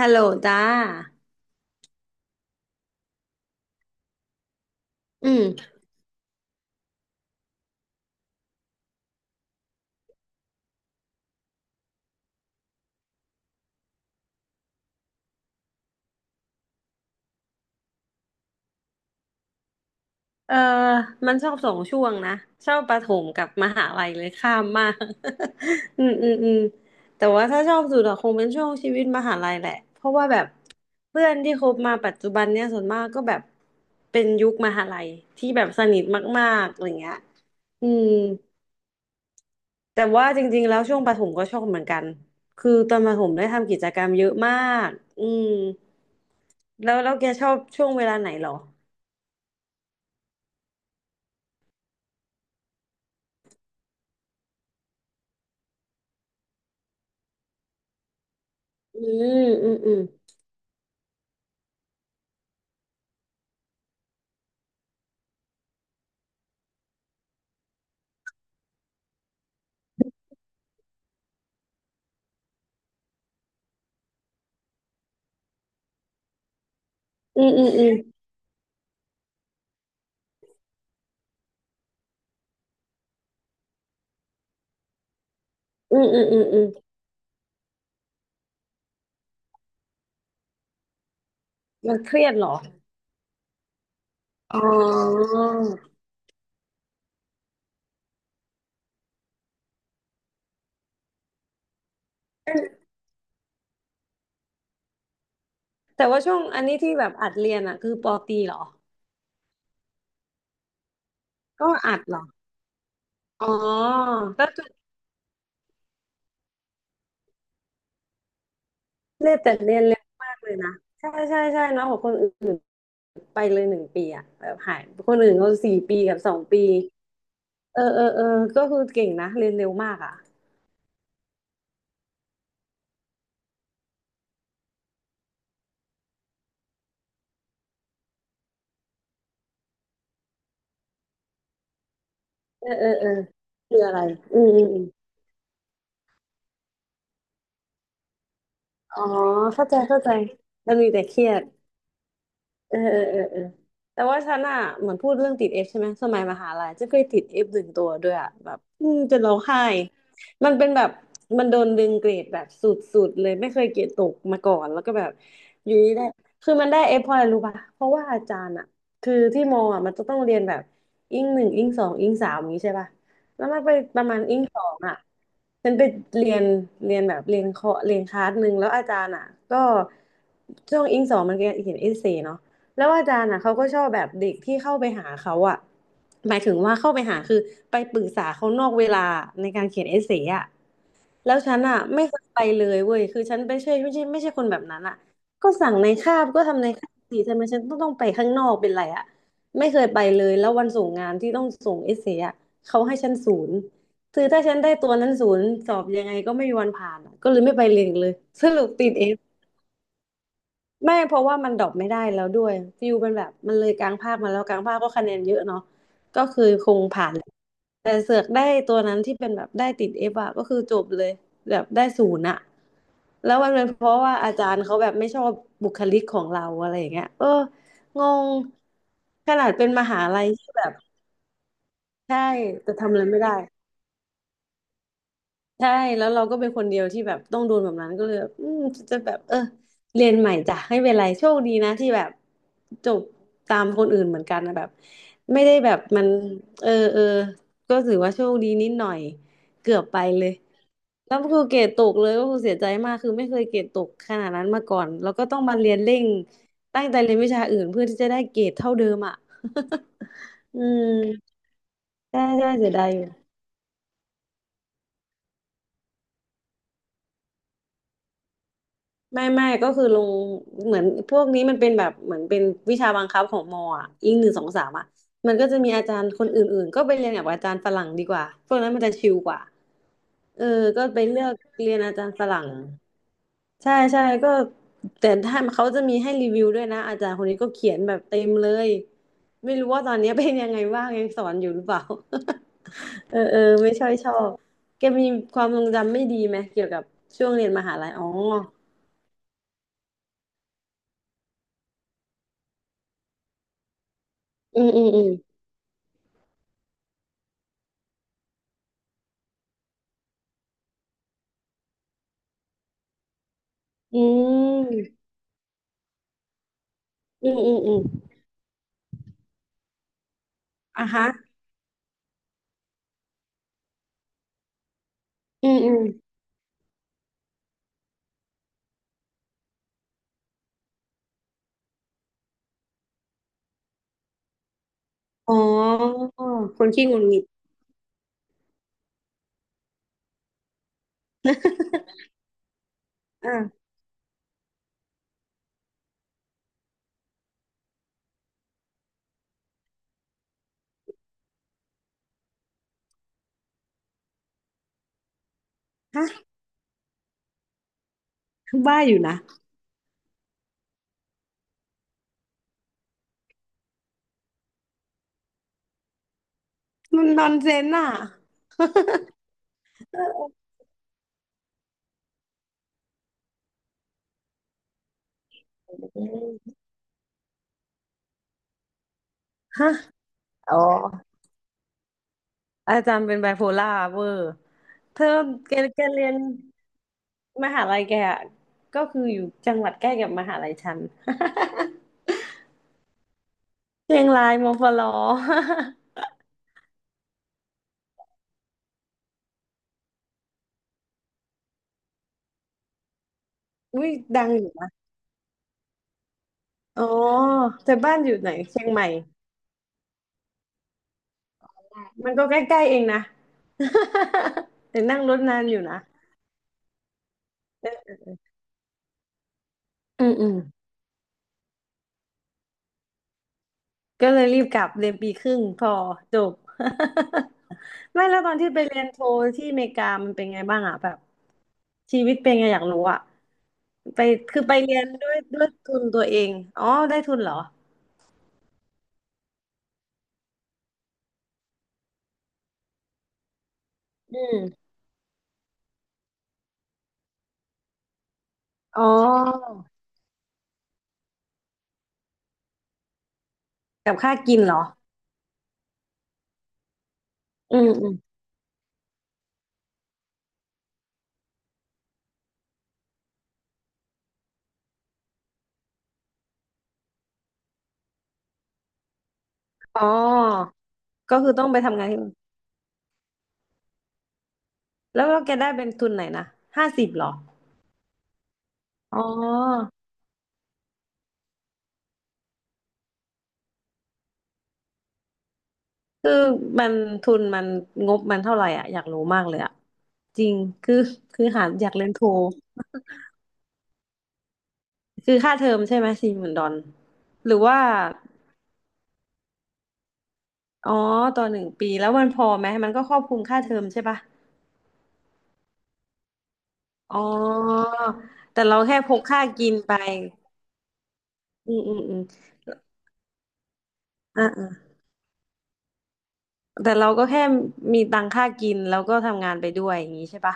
ฮัลโหลจ้าอืมเออมันชอบสองช่วงนะชอบประถมกับมหาลัยเลยข้ามมาก อืมอืมอืมแต่ว่าถ้าชอบสุดอะคงเป็นช่วงชีวิตมหาลัยแหละเพราะว่าแบบเพื่อนที่คบมาปัจจุบันเนี่ยส่วนมากก็แบบเป็นยุคมหาลัยที่แบบสนิทมากๆอะไรเงี้ยอืมแต่ว่าจริงๆแล้วช่วงประถมก็ชอบเหมือนกันคือตอนประถมได้ทำกิจกรรมเยอะมากอืมแล้วแกชอบช่วงเวลาไหนเหรอ อืมอืมอืมอืมอืมอืมอืมอืมอืมอืมมันเครียดเหรออ๋อแต่ว่าช่วงอันนี้ที่แบบอัดเรียนอ่ะคือปอตีเหรอก็อัดเหรออ๋อก็เรียนแต่เรียนเร็วมากเลยนะใช่ใช่ใช่เนาะขอยกว่าคนอื่นไปเลยหนึ่งปีอ่ะแบบหายคนอื่นเขาสี่ปีกับสองปีเออเออเออก็คือเก่งนะเรียนเร็วมากอ่ะเออเออเออคืออะไรอืมอืมอมอ๋อเข้าใจเข้าใจมันมีแต่เครียด เออเออเออเออแต่ว่าฉันอ่ะเหมือนพูดเรื่องติดเอฟใช่ไหมสมัยมหาลัยจะเคยติดเอฟหนึ่งตัวด้วยอ่ะแบบอืมจนร้องไห้มันเป็นแบบมันโดนดึงเกรดแบบสุดๆเลยไม่เคยเกรดตกมาก่อนแล้วก็แบบอยู่ดีได้คือมันได้เอฟเพราะอะไรรู้ป่ะเพราะว่าอาจารย์อ่ะคือที่มออ่ะมันจะต้องเรียนแบบอิงหนึ่งอิงสองอิงสามอย่างนี้ใช่ป่ะแล้วมันไปประมาณอิงสองอ่ะฉันไปเรียนเรียนแบบเรียนเคาะเรียนคลาสหนึ่งแล้วอาจารย์อ่ะก็ช่วงอิงสองมันเรียนเขียนเอเซเนาะ แล้วอาจารย์อ่ะเขาก็ชอบแบบเด็กที่เข้าไปหาเขาอ่ะหมายถึงว่าเข้าไปหาคือไปปรึกษาเขานอกเวลาในการเขียนเอเซ่อ่ะแล้วฉันอ่ะไม่เคยไปเลยเว้ยคือฉันไม่ใช่คนแบบนั้นอ่ะก็สั่งในคาบก็ทำในคาบสิทำไมฉันต้องไปข้างนอกเป็นไรอ่ะไม่เคยไปเลยแล้ววันส่งงานที่ต้องส่งเอเซ่อ่ะเขาให้ฉันศูนย์คือถ้าฉันได้ตัวนั้นศูนย์สอบยังไงก็ไม่มีวันผ่านอะก็เลยไม่ไปเรียนอีกเลยสรุปติดเอ ไม่เพราะว่ามันดรอปไม่ได้แล้วด้วยฟิวเป็นแบบมันเลยกลางภาคมาแล้วกลางภาคก็คะแนนเยอะเนาะก็คือคงผ่านแหละแต่เสือกได้ตัวนั้นที่เป็นแบบได้ติดเอฟอะก็คือจบเลยแบบได้ศูนย์อะแล้วมันเป็นเพราะว่าอาจารย์เขาแบบไม่ชอบบุคลิกของเราอะไรอย่างเงี้ยเอองงขนาดเป็นมหาลัยที่แบบใช่แต่ทำอะไรไม่ได้ ใช่แล้วเราก็เป็นคนเดียวที่แบบต้องโดนแบบนั้นก็เลยแบบอืมจะแบบเออเรียนใหม่จ้ะไม่เป็นไรโชคดีนะที่แบบจบตามคนอื่นเหมือนกันนะแบบไม่ได้แบบมันเออเออก็ถือว่าโชคดีนิดหน่อยเกือบไปเลยแล้วก็คือเกรดตกเลยก็คือเสียใจมากคือไม่เคยเกรดตกขนาดนั้นมาก่อนแล้วก็ต้องมาเรียนเร่งตั้งใจเรียนวิชาอื่นเพื่อที่จะได้เกรดเท่าเดิมอ่ะ อืมใช่ใช่เสียดายอยู่ ไม่ก็คือลงเหมือนพวกนี้มันเป็นแบบเหมือนเป็นวิชาบังคับของมออ่ะอิงหนึ่งสองสามอ่ะมันก็จะมีอาจารย์คนอื่นๆก็ไปเรียนกับอาจารย์ฝรั่งดีกว่าพวกนั้นมันจะชิลกว่าเออก็ไปเลือกเรียนอาจารย์ฝรั่งใช่ใช่ก็แต่ถ้าเขาจะมีให้รีวิวด้วยนะอาจารย์คนนี้ก็เขียนแบบเต็มเลยไม่รู้ว่าตอนนี้เป็นยังไงบ้างยังสอนอยู่หรือเปล่า เออเออไม่ค่อยชอบแกมีความทรงจำไม่ดีไหมเกี่ยวกับช่วงเรียนมหาลัยอ๋ออืมอืมอืม อืมอืมอืม อืมอ่ะฮะอืมอืมอ๋อคนขี้งุนงิด อ่ะฮะบ้าอยู่นะมันนอนเซนอ่ะอืมฮะอ๋ออาจารย์เป็นไบโพล่าเวอร์เธอแกเรียนมหาลัยแกอะก็คืออยู่จังหวัดใกล้กับมหาลัยฉัน เชียงรายมอฟลอ อุ้ยดังอยู่นะอ๋อแต่บ้านอยู่ไหนเชียงใหม่ มันก็ใกล้ๆเองนะ แต่นั่งรถนานอยู่นะอืมอืมก็เลยรีบกลับเรียนปีครึ่งพอจบ ไม่.แล้วตอนที่ไปเรียนโทที่อเมริกามันเป็นไงบ้างอ่ะแบบชีวิตเป็นไงอยากรู้อ่ะไปคือไปเรียนด้วยทุนตัวเองอ๋อได้ทุนเหรออืมอ๋อกับค่ากินเหรออืมอืมอ๋อก็คือต้องไปทำงานที่นู่นแล้วแกได้เป็นทุนไหนนะ50เหรออ๋อ คือมันทุนมันงบมันเท่าไหร่อ่ะอยากรู้มากเลยอ่ะจริงคือคือหาอยากเรียนโทคือค่าเทอมใช่ไหม40,000ดอลหรือว่าอ๋อต่อ1 ปีแล้วมันพอไหมมันก็ครอบคลุมค่าเทอมใช่ปะอ๋อแต่เราแค่พกค่ากินไปอืมอืมอืมอ่าอ่าแต่เราก็แค่มีตังค่ากินแล้วก็ทำงานไปด้วยอย่างนี้ใช่ปะ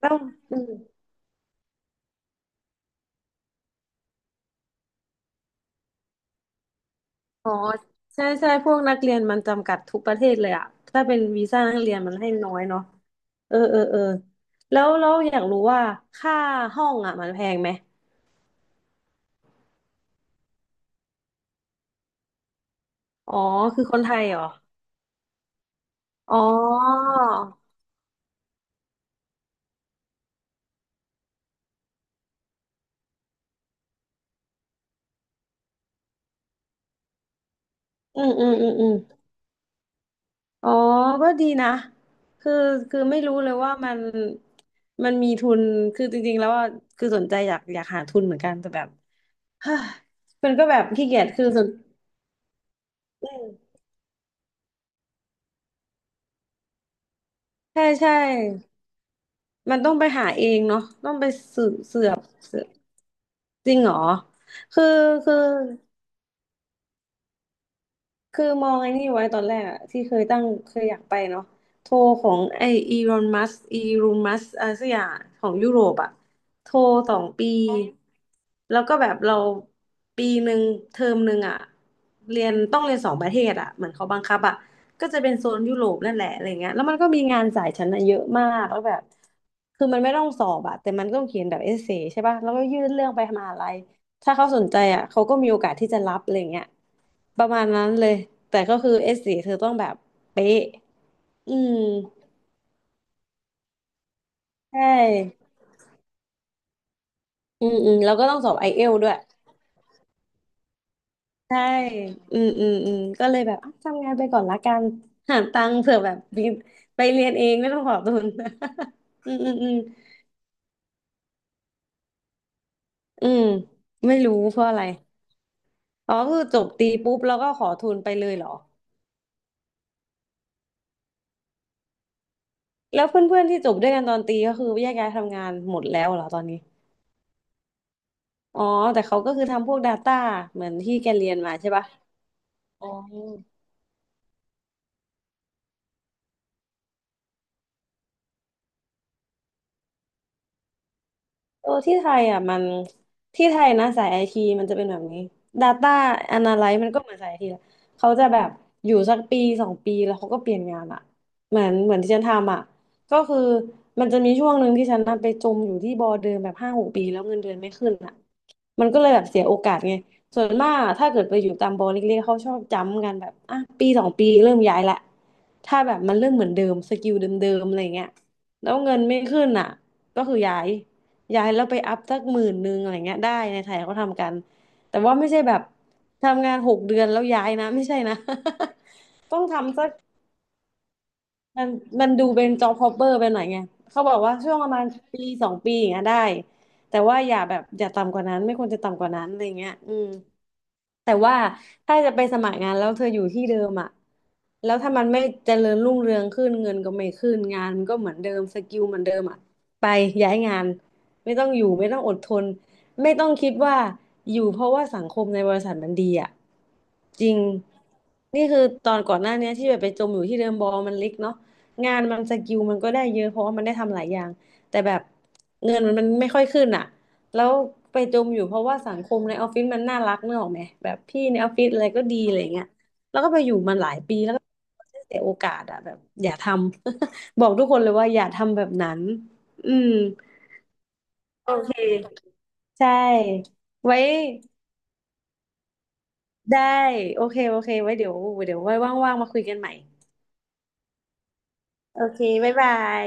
แล้วอืม อ๋อใช่ใช่พวกนักเรียนมันจำกัดทุกประเทศเลยอะถ้าเป็นวีซ่านักเรียนมันให้น้อยเนาะเออเออเออแล้วเราอยากรู้ว่าค่าห้องอะมันแพงไหมอ๋อคือคนไทยเหรออ๋ออืมอืมอืมอืมอ๋อก็ดีนะคือคือไม่รู้เลยว่ามันมีทุนคือจริงๆแล้วว่าคือสนใจอยากหาทุนเหมือนกันแต่แบบ มันก็แบบขี้เกียจคือสนอืมใช่ใช่ มันต้องไปหาเองเนาะต้องไปสืบเสือบจริงเหรอคือคือ คือมองไอ้นี่ไว้ตอนแรกอะที่เคยตั้งเคยอยากไปเนาะโทรของไออีรอนมัสอีรูมัสอะไรสักอย่างของยุโรปอะโทรสองปีแล้วก็แบบเราปีหนึ่งเทอมหนึ่งอะเรียนต้องเรียน2 ประเทศอะเหมือนเขาบังคับอะก็จะเป็นโซนยุโรปนั่นแหละอะไรเงี้ยแล้วมันก็มีงานสายชั้นอะเยอะมากแล้วแบบคือมันไม่ต้องสอบอะแต่มันก็ต้องเขียนแบบเอเซใช่ป่ะแล้วก็ยื่นเรื่องไปมหาลัย ถ้าเขาสนใจอ่ะเขาก็มีโอกาสที่จะรับอะไรเงี้ยประมาณนั้นเลยแต่ก็คือเอสสีเธอต้องแบบเป๊ะอืมใช่อืมอืมแล้วก็ต้องสอบไอเอลด้วยใช่อืมอืมอืมก็เลยแบบอ่ะทำงานไปก่อนละกันหาตังค์เผื่อแบบมีไปเรียนเองไม่ต้องขอทุน อืมอืมอืมอืมไม่รู้เพราะอะไรอ๋อคือจบตีปุ๊บแล้วก็ขอทุนไปเลยเหรอแล้วเพื่อนๆที่จบด้วยกันตอนตีก็คือแยกย้ายทำงานหมดแล้วเหรอตอนนี้ อ๋อแต่เขาก็คือทำพวก Data เหมือนที่แกเรียนมาใช่ปะอ๋อโอ้ที่ไทยอ่ะมันที่ไทยนะสายไอทีมันจะเป็นแบบนี้ Data Analyst มันก็เหมือนสายไอทีแหละเขาจะแบบอยู่สักปีสองปีแล้วเขาก็เปลี่ยนงานอ่ะเหมือนที่ฉันทำอ่ะก็คือมันจะมีช่วงหนึ่งที่ฉันน่ะไปจมอยู่ที่บอเดิมแบบ5-6 ปีแล้วเงินเดือนไม่ขึ้นอ่ะ มันก็เลยแบบเสียโอกาสไงส่วนมากอะถ้าเกิดไปอยู่ตามบอลเล็กๆเขาชอบจ้ำกันแบบอ่ะปีสองปีเริ่มย้ายละถ้าแบบมันเริ่มเหมือนเดิมสกิลเดิมๆอะไรเงี้ยแล้วเงินไม่ขึ้นอ่ะก็คือย้ายแล้วไปอัพสัก10,000อะไรเงี้ยได้ในไทยเขาทำกันแต่ว่าไม่ใช่แบบทำงาน6 เดือนแล้วย้ายนะไม่ใช่นะ ต้องทำสัก มันมันดูเป็นจ็อบฮอปเปอร์ไปหน่อยไง เขาบอกว่าช่วงประมาณปีสองปีอย่างเงี้ยได้ แต่ว่าอย่าแบบอย่าต่ำกว่านั้นไม่ควรจะต่ำกว่านั้นอะไรเงี้ยอืม แต่ว่าถ้าจะไปสมัครงานแล้วเธออยู่ที่เดิมอ่ะแล้วถ้ามันไม่เจริญรุ่งเรืองขึ้นเงินก็ไม่ขึ้นงานมันก็เหมือนเดิมสกิลเหมือนเดิมอ่ะไปย้ายงานไม่ต้องอยู่ไม่ต้องอดทนไม่ต้องคิดว่าอยู่เพราะว่าสังคมในบริษัทมันดีอ่ะจริงนี่คือตอนก่อนหน้าเนี้ยที่แบบไปจมอยู่ที่เดิมบอลมันเล็กเนาะงานมันสกิลมันก็ได้เยอะเพราะว่ามันได้ทำหลายอย่างแต่แบบเงินมันไม่ค่อยขึ้นอ่ะ แล้วไปจมอยู่เพราะว่าสังคมในออฟฟิศมันน่ารักนึกออกไหมแบบพี่ในออฟฟิศอะไรก็ดีอะไรเงี้ยแล้วก็ไปอยู่มันหลายปีแล้วก็เสียโอกาสอะแบบอย่าทำ บอกทุกคนเลยว่าอย่าทำแบบนั้นอืมโอเคใช่ไว้ได้โอเคโอเคไว้เดี๋ยวเดี๋ยวไว้ว่างๆมาคุยกันใหม่โอเคบ๊ายบาย